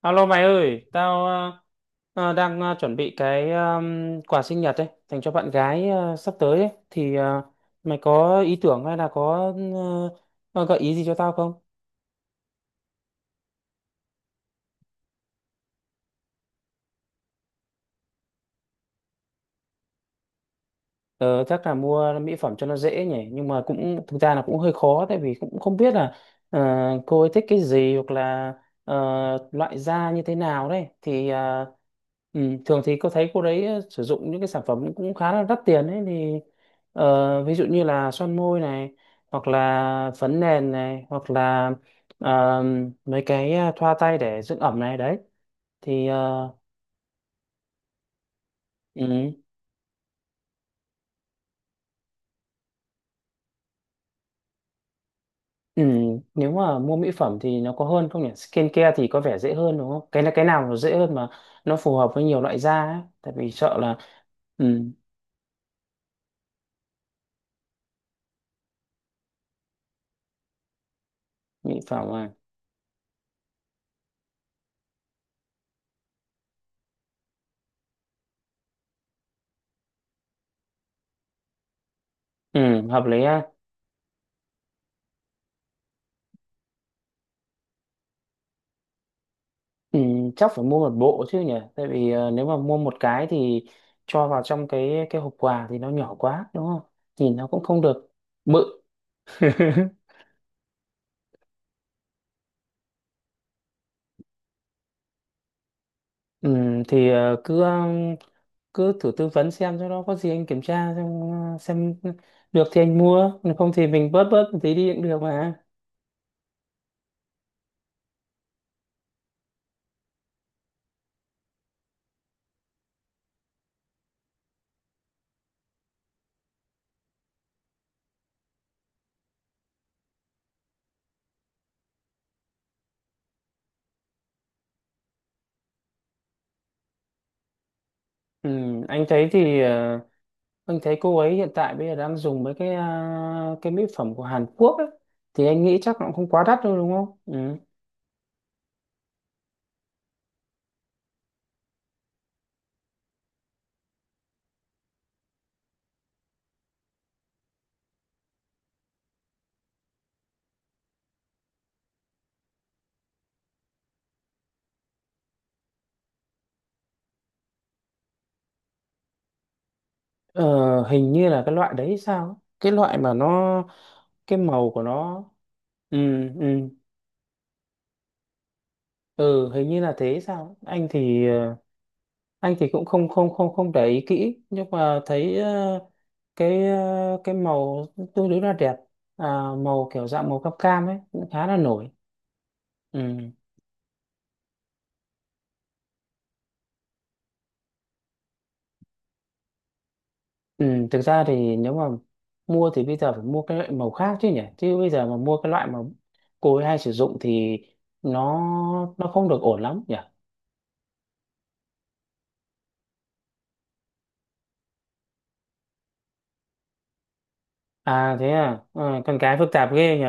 Alo mày ơi, tao đang chuẩn bị cái quà sinh nhật ấy, dành cho bạn gái sắp tới ấy. Thì mày có ý tưởng hay là có gợi ý gì cho tao không? Ờ, Chắc là mua mỹ phẩm cho nó dễ nhỉ, nhưng mà cũng thực ra là cũng hơi khó, tại vì cũng không biết là ờ, cô ấy thích cái gì, hoặc là ờ, loại da như thế nào đấy thì à, ừ, thường thì cô thấy cô đấy sử dụng những cái sản phẩm cũng khá là đắt tiền ấy, thì ví dụ như là son môi này, hoặc là phấn nền này, hoặc là ờ, mấy cái thoa tay để dưỡng ẩm này đấy, thì ừ. Ừ, nếu mà mua mỹ phẩm thì nó có hơn không nhỉ? Skincare thì có vẻ dễ hơn đúng không? Cái nào nó dễ hơn mà nó phù hợp với nhiều loại da ấy. Tại vì sợ là ừ, mỹ phẩm à. Ừ, hợp lý ha. Ừ, chắc phải mua một bộ chứ nhỉ? Tại vì nếu mà mua một cái thì cho vào trong cái hộp quà thì nó nhỏ quá đúng không? Nhìn nó cũng không được bự. Ừ, thì cứ thử tư vấn xem cho nó có gì anh kiểm tra xem, xem được thì anh mua, còn không thì mình bớt bớt một tí đi cũng được mà. Ừ, anh thấy thì ờ, anh thấy cô ấy hiện tại bây giờ đang dùng mấy cái mỹ phẩm của Hàn Quốc ấy, thì anh nghĩ chắc nó cũng không quá đắt đâu đúng không. Ừ, ờ, hình như là cái loại đấy sao ấy. Cái loại mà nó, cái màu của nó ừ, ừ, ừ hình như là thế sao ấy. Anh thì cũng không không không không để ý kỹ, nhưng mà thấy cái màu tương đối là đẹp à, màu kiểu dạng màu cam cam ấy cũng khá là nổi ừ. Ừ, thực ra thì nếu mà mua thì bây giờ phải mua cái loại màu khác chứ nhỉ, chứ bây giờ mà mua cái loại mà cô ấy hay sử dụng thì nó nó không được ổn lắm nhỉ. À thế à. Ờ, con cái phức tạp ghê nhỉ.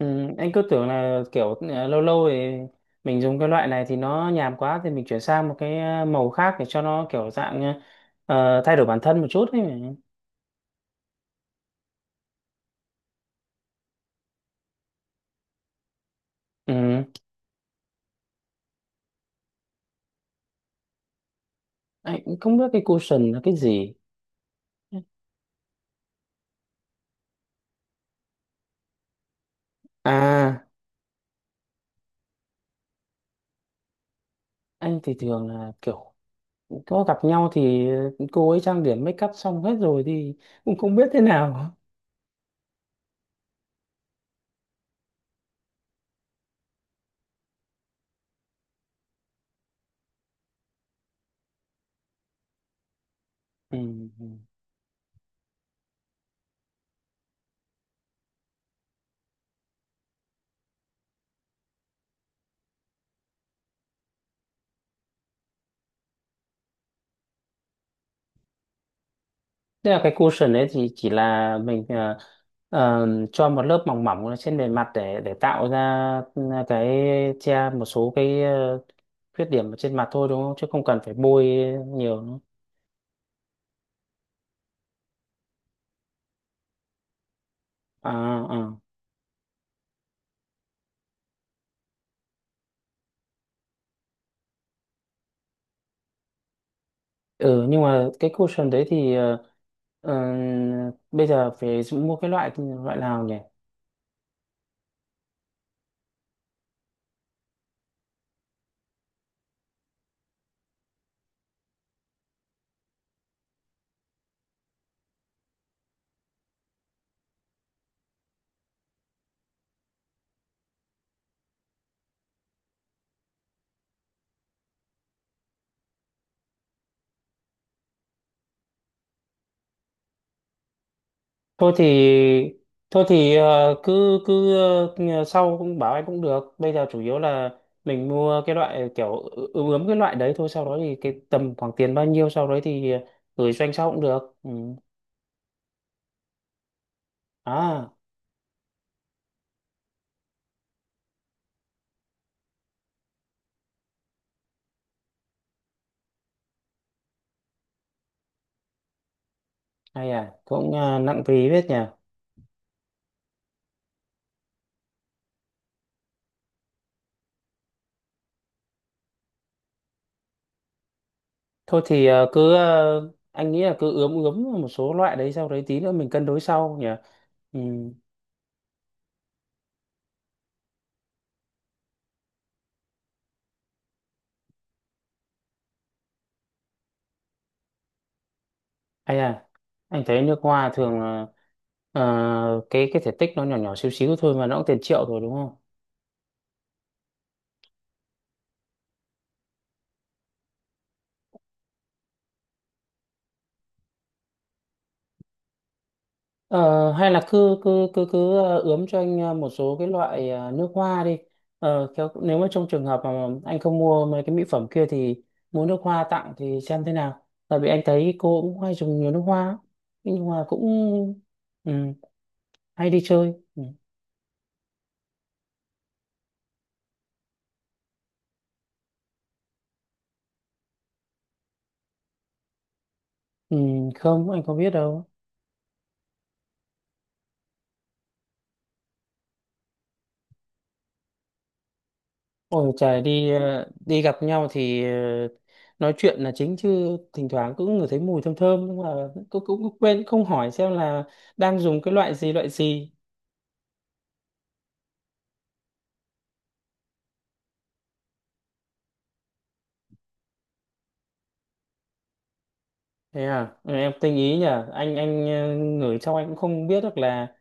Ừ, anh cứ tưởng là kiểu lâu lâu thì mình dùng cái loại này thì nó nhàm quá, thì mình chuyển sang một cái màu khác để cho nó kiểu dạng thay đổi bản thân một chút ấy mà. Ừ, anh cũng không biết cái cushion là cái gì. À, anh thì thường là kiểu có gặp nhau thì cô ấy trang điểm make up xong hết rồi, thì cũng không biết thế nào. Ừ. Ừ. Thế là cái cushion đấy thì chỉ là mình cho một lớp mỏng mỏng lên trên bề mặt, để tạo ra cái che một số cái khuyết điểm ở trên mặt thôi đúng không? Chứ không cần phải bôi nhiều nữa. À, à. Ừ, nhưng mà cái cushion đấy thì ờ, bây giờ phải mua cái loại loại nào nhỉ? thôi thì thôi thì ờ, cứ cứ ờ, sau cũng bảo anh cũng được, bây giờ chủ yếu là mình mua cái loại kiểu ướm ướm cái loại đấy thôi, sau đó thì cái tầm khoảng tiền bao nhiêu, sau đấy thì gửi cho anh sau cũng được ừ. À, hay à, cũng nặng phí biết nhỉ. Thôi thì anh nghĩ là cứ ướm ướm một số loại đấy, sau đấy tí nữa mình cân đối sau nhỉ. Ừ. Hay à, anh thấy nước hoa thường là cái thể tích nó nhỏ nhỏ xíu xíu thôi mà nó cũng tiền triệu rồi đúng không. Ờ, hay là cứ cứ cứ cứ ờ, ướm cho anh một số cái loại nước hoa đi. Ờ, nếu mà trong trường hợp mà anh không mua mấy cái mỹ phẩm kia, thì mua nước hoa tặng thì xem thế nào. Tại vì anh thấy cô cũng hay dùng nhiều nước hoa lắm. Nhưng mà cũng ừ, hay đi chơi. Ừ. Ừ, không, anh không biết đâu. Ôi trời, đi gặp nhau thì nói chuyện là chính, chứ thỉnh thoảng cũng ngửi thấy mùi thơm thơm, nhưng mà cũng cũng cũng quên không hỏi xem là đang dùng cái loại gì loại gì. Thế à. Ừ, em tinh ý nhỉ. Anh ngửi trong, anh cũng không biết được là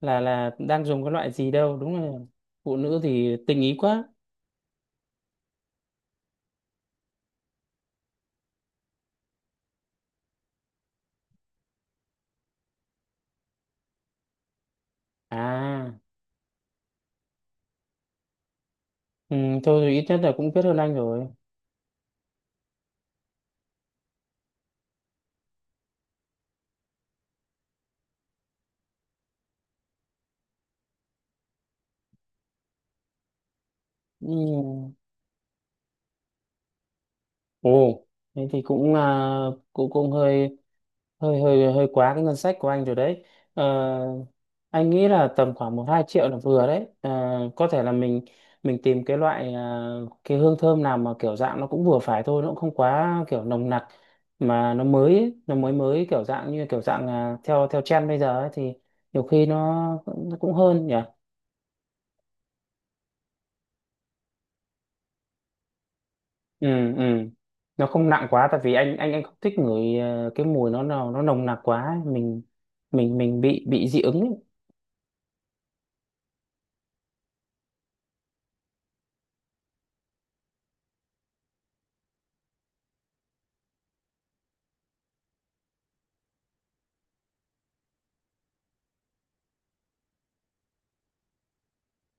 đang dùng cái loại gì đâu, đúng là phụ nữ thì tinh ý quá. À, ừ, thôi thì ít nhất là cũng biết hơn anh rồi. Ừ. Ồ, thế thì cũng à, cũng cũng hơi hơi quá cái ngân sách của anh rồi đấy. Ờ, anh nghĩ là tầm khoảng 1-2 triệu là vừa đấy, à, có thể là mình tìm cái loại à, cái hương thơm nào mà kiểu dạng nó cũng vừa phải thôi, nó cũng không quá kiểu nồng nặc, mà nó mới ấy, nó mới mới kiểu dạng, à, theo theo trend bây giờ ấy, thì nhiều khi nó cũng hơn nhỉ. Ừ, ừ, nó không nặng quá, tại vì anh không thích ngửi à, cái mùi nó nào nó nồng nặc quá ấy. Mình bị dị ứng ấy.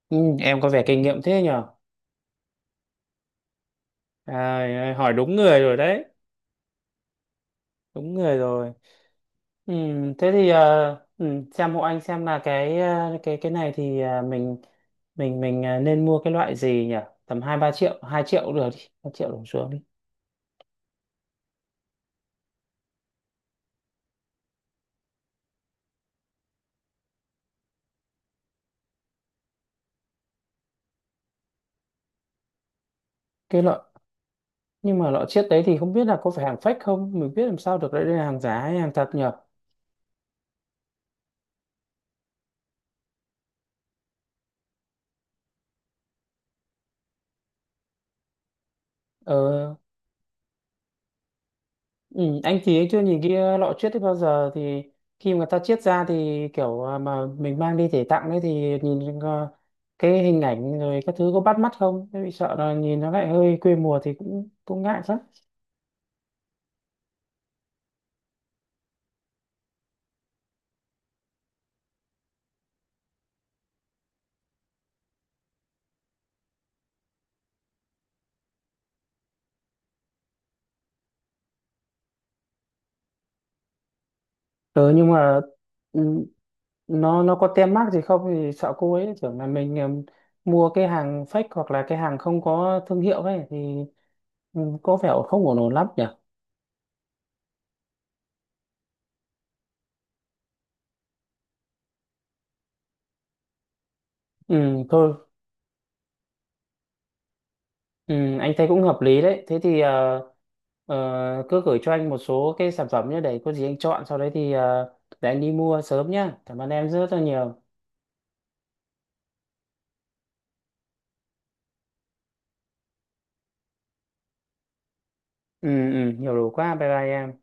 Ừ, em có vẻ kinh nghiệm thế nhỉ. À, hỏi đúng người rồi đấy. Đúng người rồi. Ừ, thế thì ừ, xem hộ anh xem là cái này thì nên mua cái loại gì nhỉ? Tầm 2-3 triệu, 2 triệu cũng được đi, 2 triệu đổ xuống đi. Cái loại, nhưng mà loại chiếc đấy thì không biết là có phải hàng fake không, mình biết làm sao được đấy đây là hàng giả hay hàng thật nhỉ? Ờ, ừ, anh thì anh chưa nhìn lọ chiết đấy bao giờ, thì khi mà người ta chiết ra thì kiểu mà mình mang đi để tặng đấy, thì nhìn cái hình ảnh rồi các thứ có bắt mắt không? Thế bị sợ là nhìn nó lại hơi quê mùa thì cũng cũng ngại. Ờ nhưng mà ừ, nó có tem mác gì không, thì sợ cô ấy tưởng là mình mua cái hàng fake hoặc là cái hàng không có thương hiệu ấy, thì ừ, có vẻ không ổn ổn lắm nhỉ. Ừ thôi, ừ, anh thấy cũng hợp lý đấy, thế thì cứ gửi cho anh một số cái sản phẩm nhé, để có gì anh chọn, sau đấy thì để anh đi mua sớm nhá, cảm ơn em rất là nhiều. Ừ, ừ, nhiều đủ quá, bye bye em.